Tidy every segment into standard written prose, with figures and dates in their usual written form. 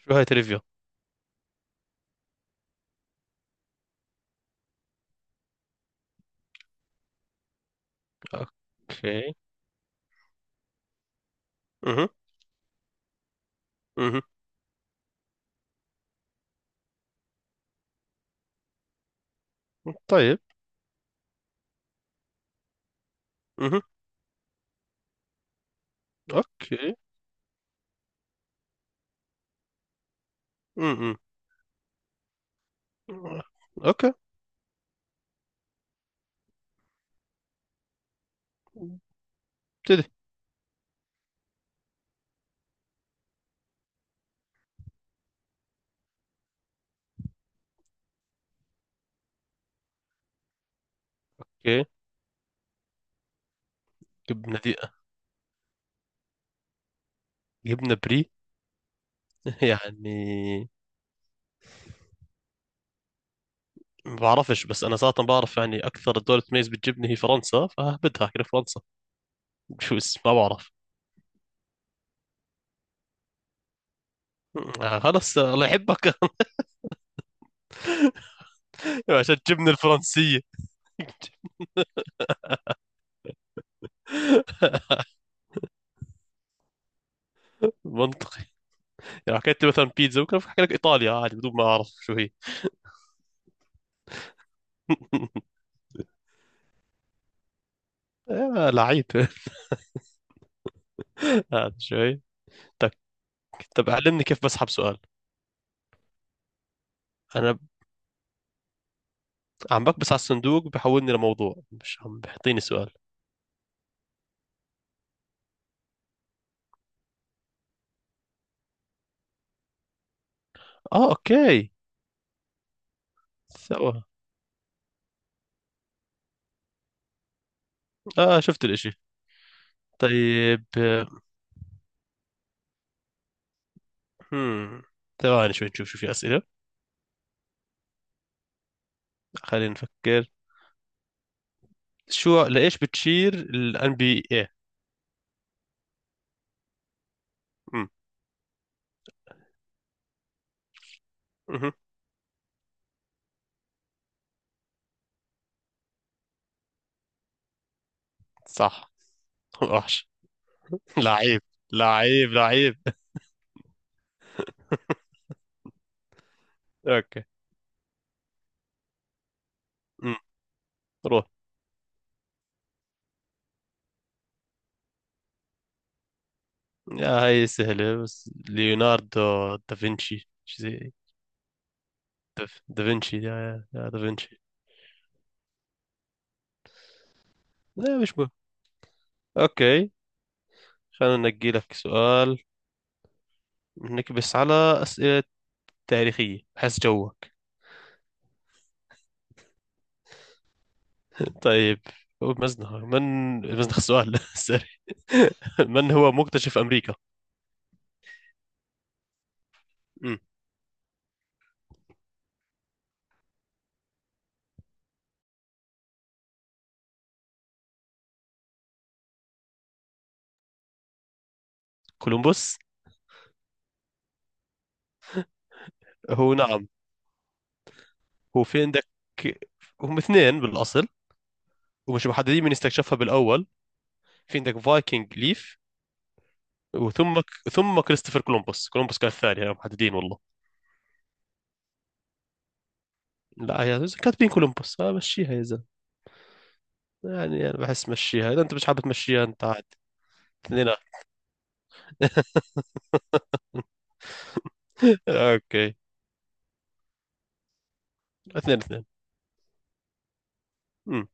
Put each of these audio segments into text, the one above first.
شو هاي تريفيا. اوكي. اها. اها. طيب. اها. اوكي. اها. اوكي. ابتدي. اوكي. جبنة دي جبنة بري. يعني ما بعرفش، بس انا صراحة بعرف يعني اكثر دولة تميز بالجبنة هي فرنسا، فهبدها كده فرنسا، بجوز ما بعرف. خلص الله يحبك. عشان الجبنة الفرنسية. منطقي، يعني حكيت لي مثلا بيتزا ممكن احكي لك ايطاليا عادي بدون ما اعرف شو هي. يا لعيب. هذا شوي. طيب، طب علمني كيف بسحب سؤال. انا عم بكبس على الصندوق بحولني لموضوع، مش عم بحطيني سؤال. اه اوكي. سوا. اه شفت الاشي. طيب. هم، ثواني شوي نشوف شو في اسئله. خلينا نفكر. شو لايش بتشير الان بي اي. صح. وحش. لعيب، لعيب، لعيب. اوكي. امم. روح. يا هاي سهلة، بس ليوناردو دافنشي شو زي. دافنشي، يا دافنشي. لا مش مهم. اوكي. خلينا ننجي لك سؤال. نكبس على أسئلة تاريخية، حس جوك. طيب، هو مزنخ من، مزنخ السؤال. سوري. من هو مكتشف أمريكا؟ مم. كولومبوس. هو نعم، هو في عندك هم اثنين بالأصل، ومش محددين من استكشفها بالأول. في عندك فايكنج ليف، وثم كريستوفر كولومبوس. كولومبوس كان الثاني، يعني محددين والله. لا يا زلمة، كاتبين كولومبوس، مشيها يا زلمة. يعني أنا بحس مشيها، إذا أنت مش حابب تمشيها أنت عاد. اثنين. اوكي. 2-2. امم.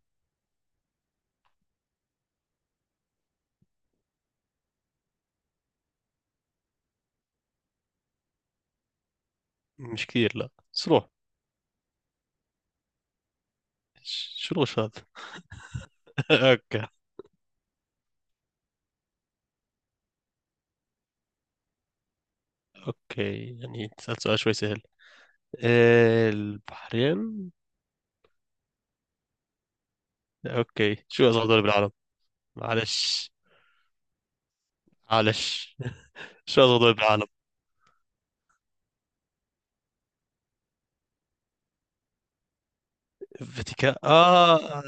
مش كثير، لا صروح. شو الغش هذا؟ اوكي. اوكي يعني سألت سؤال شوي سهل. البحرين. اوكي شو اصغر دولة بالعالم؟ معلش. معلش. شو اصغر دولة بالعالم؟ الفاتيكان اه.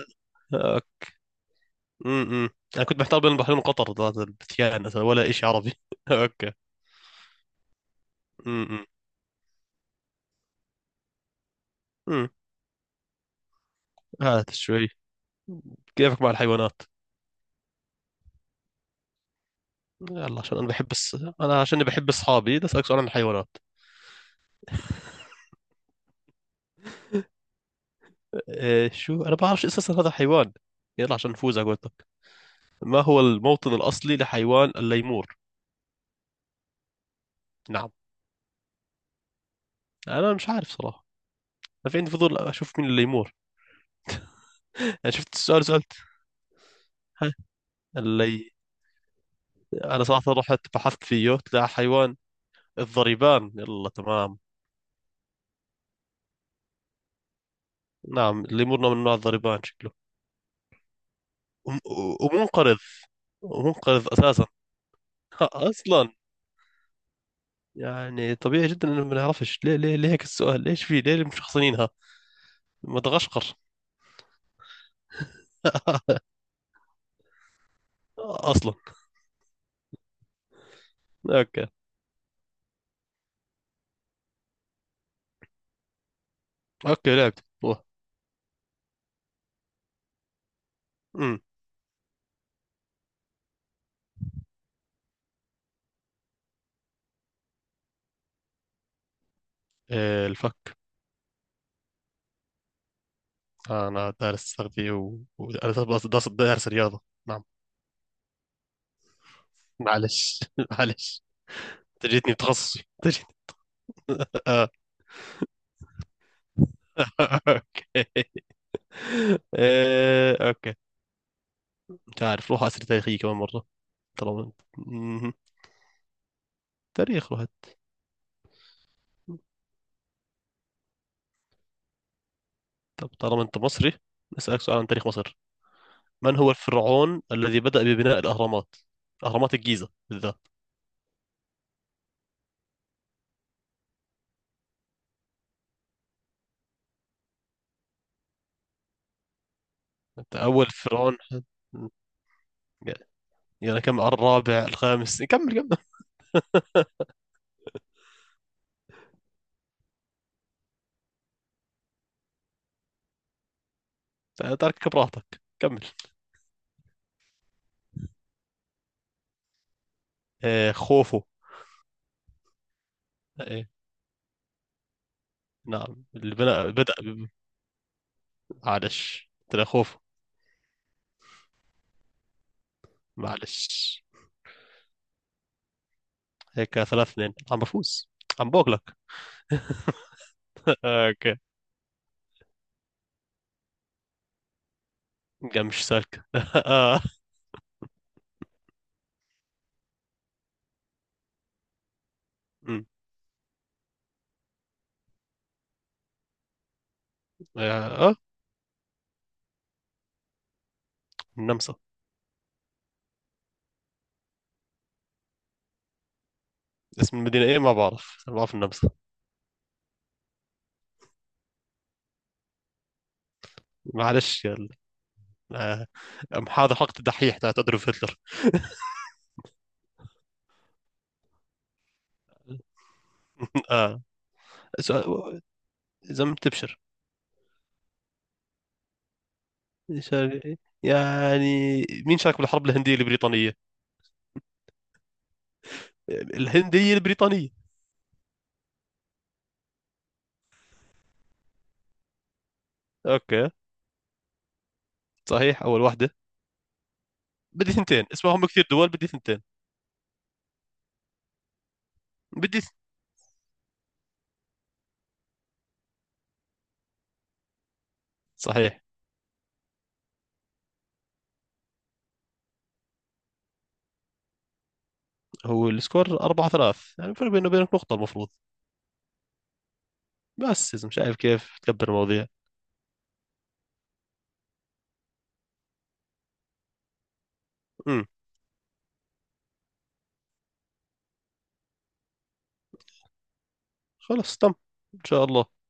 أوكي. امم، انا كنت محتار بين البحرين وقطر، هذا الفاتيكان أصلاً ولا شيء عربي. اوكي. امم. امم. هات شوي. كيفك مع الحيوانات؟ يلا عشان انا بحب الس... انا عشان بحب اصحابي، بدي اسالك سؤال عن الحيوانات. إيه شو، أنا بعرفش أساسا هذا حيوان. يلا عشان نفوز على قولتك. ما هو الموطن الأصلي لحيوان الليمور؟ نعم. أنا مش عارف صراحة. أنا في عندي فضول أشوف مين الليمور. أنا شفت السؤال سألت. ها، اللي، أنا صراحة رحت بحثت فيه طلع حيوان الضريبان، يلا تمام. نعم الليمور من نوع الضريبان شكله، وم- ومنقرض، ومنقرض أساسا. أصلا، يعني طبيعي جدا إنه ما نعرفش. ليه هيك السؤال؟ ليش في ليه مشخصنينها؟ مدغشقر. اصلا. اوكي. اوكي لعبت أوه. امم. إيه، الفك. انا دارس تغذية دارس، دارس رياضة. نعم. معلش. معلش، تجيتني بتخصصي تجيت. آه. اوكي. إيه اوكي. مش عارف، روح اسئلة تاريخية كمان مرة. طالما انت مهم. تاريخ روح. طب طالما انت مصري، نسألك سؤال عن تاريخ مصر. من هو الفرعون الذي بدأ ببناء الأهرامات، أهرامات الجيزة بالذات؟ أنت أول فرعون. يلا كمل، على الرابع الخامس، كمل كمل. ترك براحتك، كمل. آه، خوفو. آه نعم، اللي بدأ معلش طلع خوفو. معلش. هيك 3-2 عم بفوز. عم بوغلك. اوكي، قام مش سالكة. اه. أمم. آه، آه. النمسا. اسم المدينة ايه؟ ما بعرف ما بعرف، النمسا. معلش يلا. آه. أم هذا حلقة الدحيح تاعت أدولف هتلر. آه. إذا، إذا ما بتبشر شرقي يعني. مين شارك بالحرب الهندية البريطانية؟ الهندية البريطانية. اوكي. صحيح اول واحدة. بدي ثنتين، اسمهم كثير دول، بدي ثنتين. بدي ث- صحيح. هو السكور 4-3، يعني الفرق بينه وبينك نقطة المفروض. بس إذا مش عارف كيف تكبر المواضيع. امم. خلص تم، إن شاء الله.